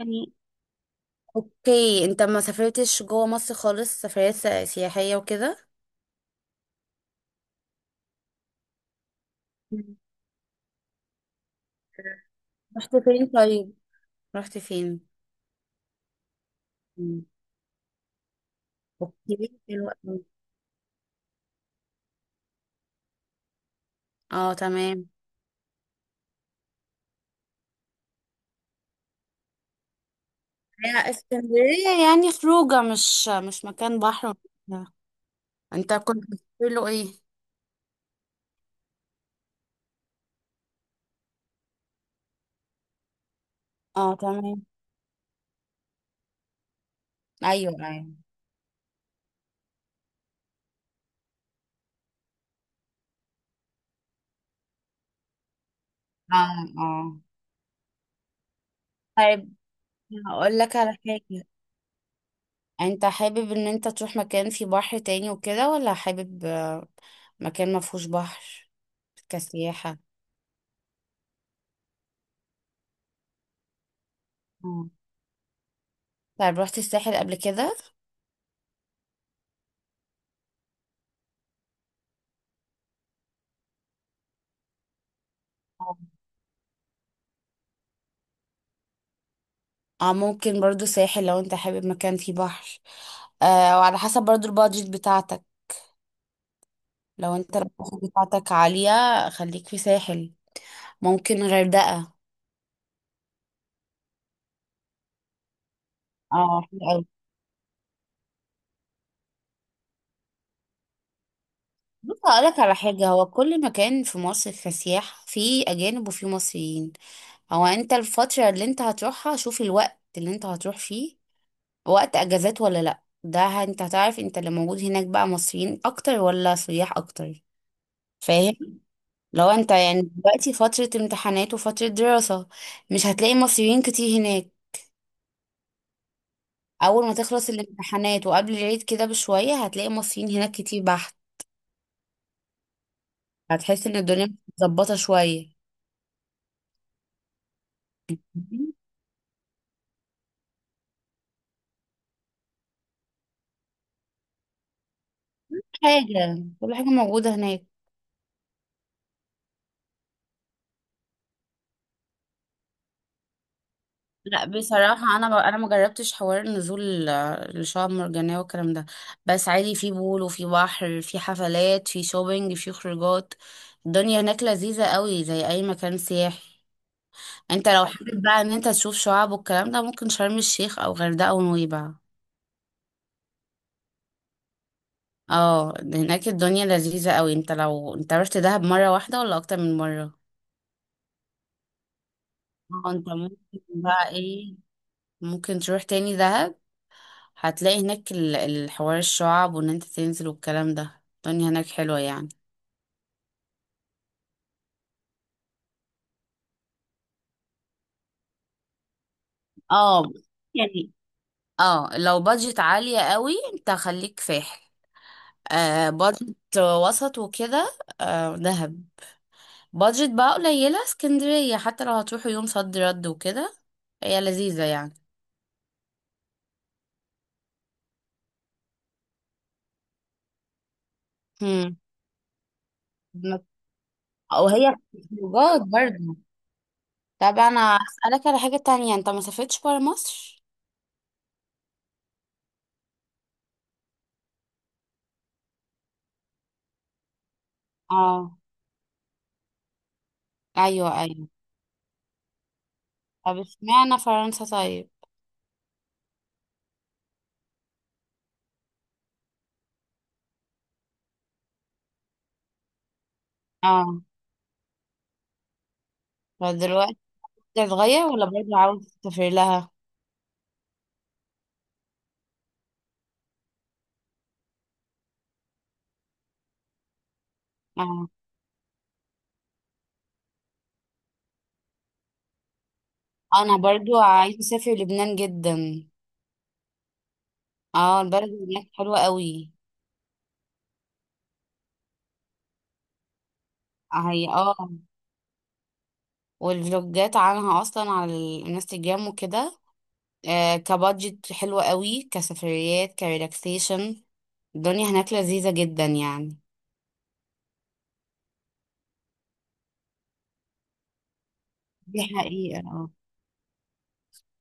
يعني اوكي، انت ما سافرتش جوه مصر خالص، سفريات سياحية وكده. مم. رحت فين؟ طيب، رحت فين؟ مم. اوكي، حلو أوي. اه، تمام. هي اسكندرية يعني خروجة، مش مكان بحر وكده. انت كنت بتقول له ايه؟ اه، تمام. ايوه، ايوه. اه، اه. طيب، هقول لك على حاجة. انت حابب ان انت تروح مكان فيه بحر تاني وكده ولا حابب مكان ما فيهوش بحر كسياحة؟ طيب، رحت الساحل قبل كده؟ آه. اه، ممكن برضو ساحل لو انت حابب مكان فيه بحر. آه، وعلى حسب برضو البادجت بتاعتك. لو انت البادجت بتاعتك عالية، خليك في ساحل. ممكن غردقة. اه، حلو أوي. بص، هقولك على حاجة. هو كل مكان في مصر كسياح فيه أجانب وفيه مصريين. هو انت الفترة اللي انت هتروحها، شوف الوقت اللي انت هتروح فيه. وقت أجازات ولا لأ؟ ده انت هتعرف انت اللي موجود هناك بقى مصريين أكتر ولا سياح أكتر. فاهم؟ لو انت يعني دلوقتي فترة امتحانات وفترة دراسة، مش هتلاقي مصريين كتير هناك. اول ما تخلص الامتحانات وقبل العيد كده بشوية، هتلاقي مصريين هناك كتير بحت. هتحس ان الدنيا متظبطة شوية. كل حاجة، كل حاجة موجودة هناك. لا، بصراحة، أنا ما جربتش حوار النزول للشعاب المرجانية والكلام ده. بس عادي، في بول وفي بحر، في حفلات، في شوبينج، في خروجات. الدنيا هناك لذيذة قوي زي أي مكان سياحي. انت لو حابب بقى ان انت تشوف شعاب والكلام ده، ممكن شرم الشيخ او غردقة ونويبع. اه، هناك الدنيا لذيذة قوي. انت لو انت رحت دهب مرة واحدة ولا اكتر من مرة؟ اه، انت ممكن بقى ايه، ممكن تروح تاني دهب. هتلاقي هناك الحوار الشعاب وان انت تنزل والكلام ده، الدنيا هناك حلوة يعني. اه، يعني اه، لو بادجت عالية قوي انت خليك فاحل. بادجت وسط وكده، دهب. بادجت بقى قليلة، اسكندرية، حتى لو هتروحوا يوم صد رد وكده، هي لذيذة يعني. هم. او هي خروجات برضه. طب، انا اسألك على حاجة تانية. انت ما سافرتش برا مصر؟ اه. ايوه، ايوه. طب، اشمعنى فرنسا طيب؟ اه، فدلوقتي هتتغير ولا برضه عاوز تسافر لها؟ اه. انا برضه عايزة اسافر لبنان جدا. اه، البلد هناك حلوة قوي. هي، اه. والفلوجات عنها اصلا على الانستجرام وكده. كبادجت حلوة قوي، كسفريات، كريلاكسيشن. الدنيا هناك لذيذة جدا يعني. دي حقيقة، اه.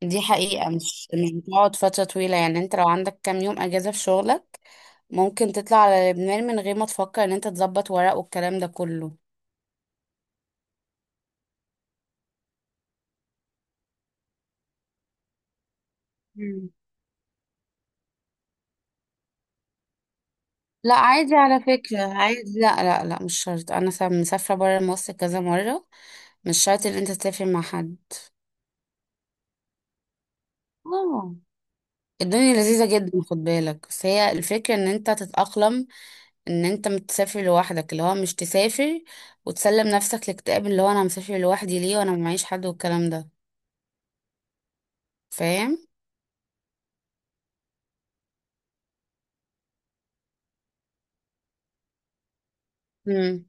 دي حقيقة، مش بتقعد فترة طويلة يعني. انت لو عندك كام يوم اجازة في شغلك، ممكن تطلع على لبنان من غير ما تفكر ان انت تظبط ورق والكلام ده كله. مم. لا، عادي، على فكرة، عادي. لا لا لا، مش شرط. انا مسافرة برا مصر كذا مرة. مش شرط ان انت تسافر مع حد. اه. الدنيا لذيذة جدا، خد بالك بس هي الفكرة ان انت تتأقلم. ان انت متسافر لوحدك، اللي هو مش تسافر وتسلم نفسك لاكتئاب اللي هو انا مسافر لوحدي ليه وانا معيش حد والكلام ده. فاهم؟ امم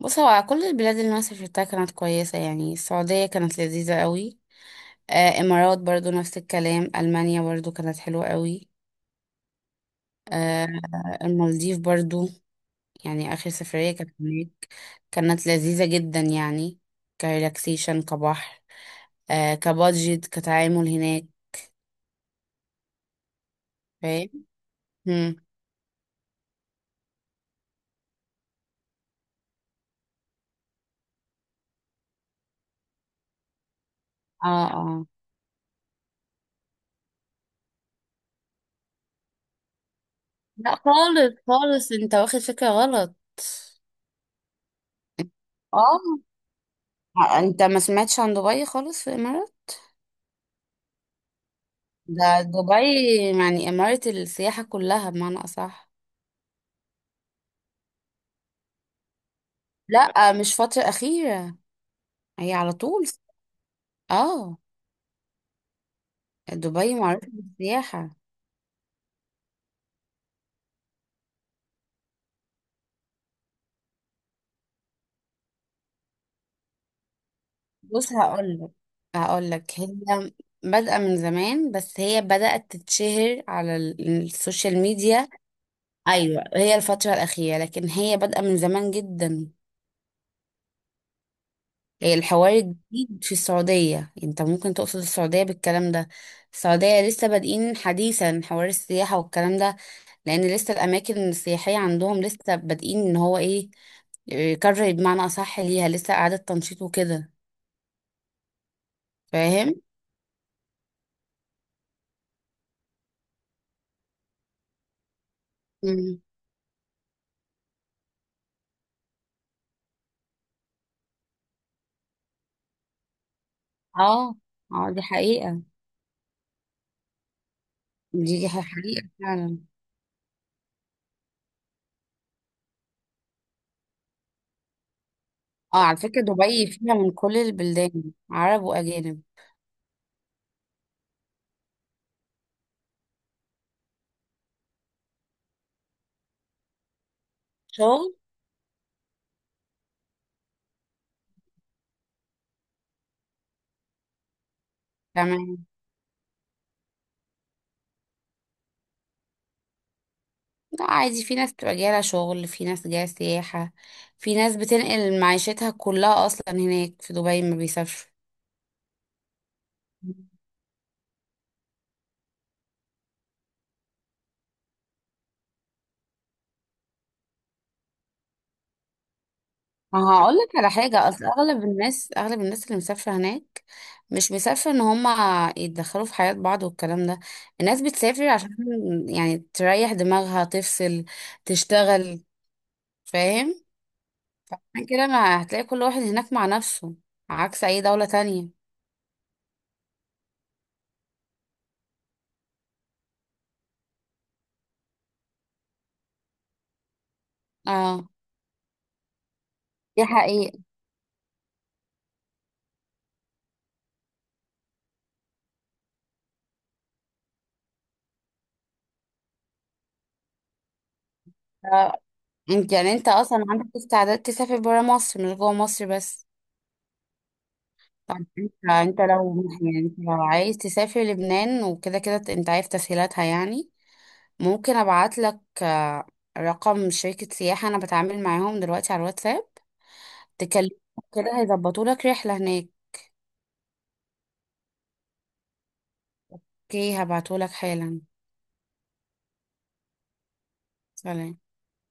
بص، هو كل البلاد اللي انا سافرتها كانت كويسه يعني. السعوديه كانت لذيذه قوي. امارات برضو نفس الكلام. المانيا برضو كانت حلوه قوي. آه المالديف برضو، يعني اخر سفريه كانت هناك، كانت لذيذه جدا يعني. كريلاكسيشن، كبحر، كبادجت، كتعامل هناك. فاهم؟ امم اه، لا خالص خالص، انت واخد فكرة غلط. اه، انت ما سمعتش عن دبي خالص في الامارات؟ ده دبي يعني امارة السياحة كلها بمعنى اصح. لا، مش فترة اخيرة، هي على طول. اه، دبي معروفة بالسياحة. بص، هقولك هي بادئة من زمان بس هي بدأت تتشهر على السوشيال ميديا. ايوه، هي الفترة الاخيرة لكن هي بادئة من زمان جدا. الحوار الجديد في السعودية، انت ممكن تقصد السعودية بالكلام ده. السعودية لسه بادئين حديثا حوار السياحة والكلام ده. لأن لسه الأماكن السياحية عندهم لسه بادئين ان هو ايه، إيه، كرة بمعنى أصح، ليها لسه إعادة تنشيط وكده. فاهم؟ مم. اه، اه، دي حقيقة. دي حقيقة فعلا. اه، على فكرة، دبي فيها من كل البلدان، عرب وأجانب. شغل. تمام. لا، عادي، في ناس بتبقى جاية لها شغل، في ناس جاية سياحة، في ناس بتنقل معيشتها كلها أصلا هناك في دبي، ما بيسافروا. ما هقول لك على حاجة، أصل أغلب الناس اللي مسافرة هناك مش مسافرة إن هما يتدخلوا في حياة بعض والكلام ده. الناس بتسافر عشان يعني تريح دماغها، تفصل، تشتغل. فاهم؟ عشان كده ما هتلاقي كل واحد هناك مع نفسه. عكس أي دولة تانية. اه، دي حقيقة. انت يعني انت اصلا عندك استعداد تسافر برا مصر مش جوه مصر بس؟ طب، انت لو عايز تسافر لبنان وكده كده انت عارف تسهيلاتها يعني. ممكن ابعت لك رقم شركة سياحة انا بتعامل معاهم دلوقتي على الواتساب. تكلم كده هيظبطوا لك رحلة هناك. اوكي، هبعته لك حالا. سلام.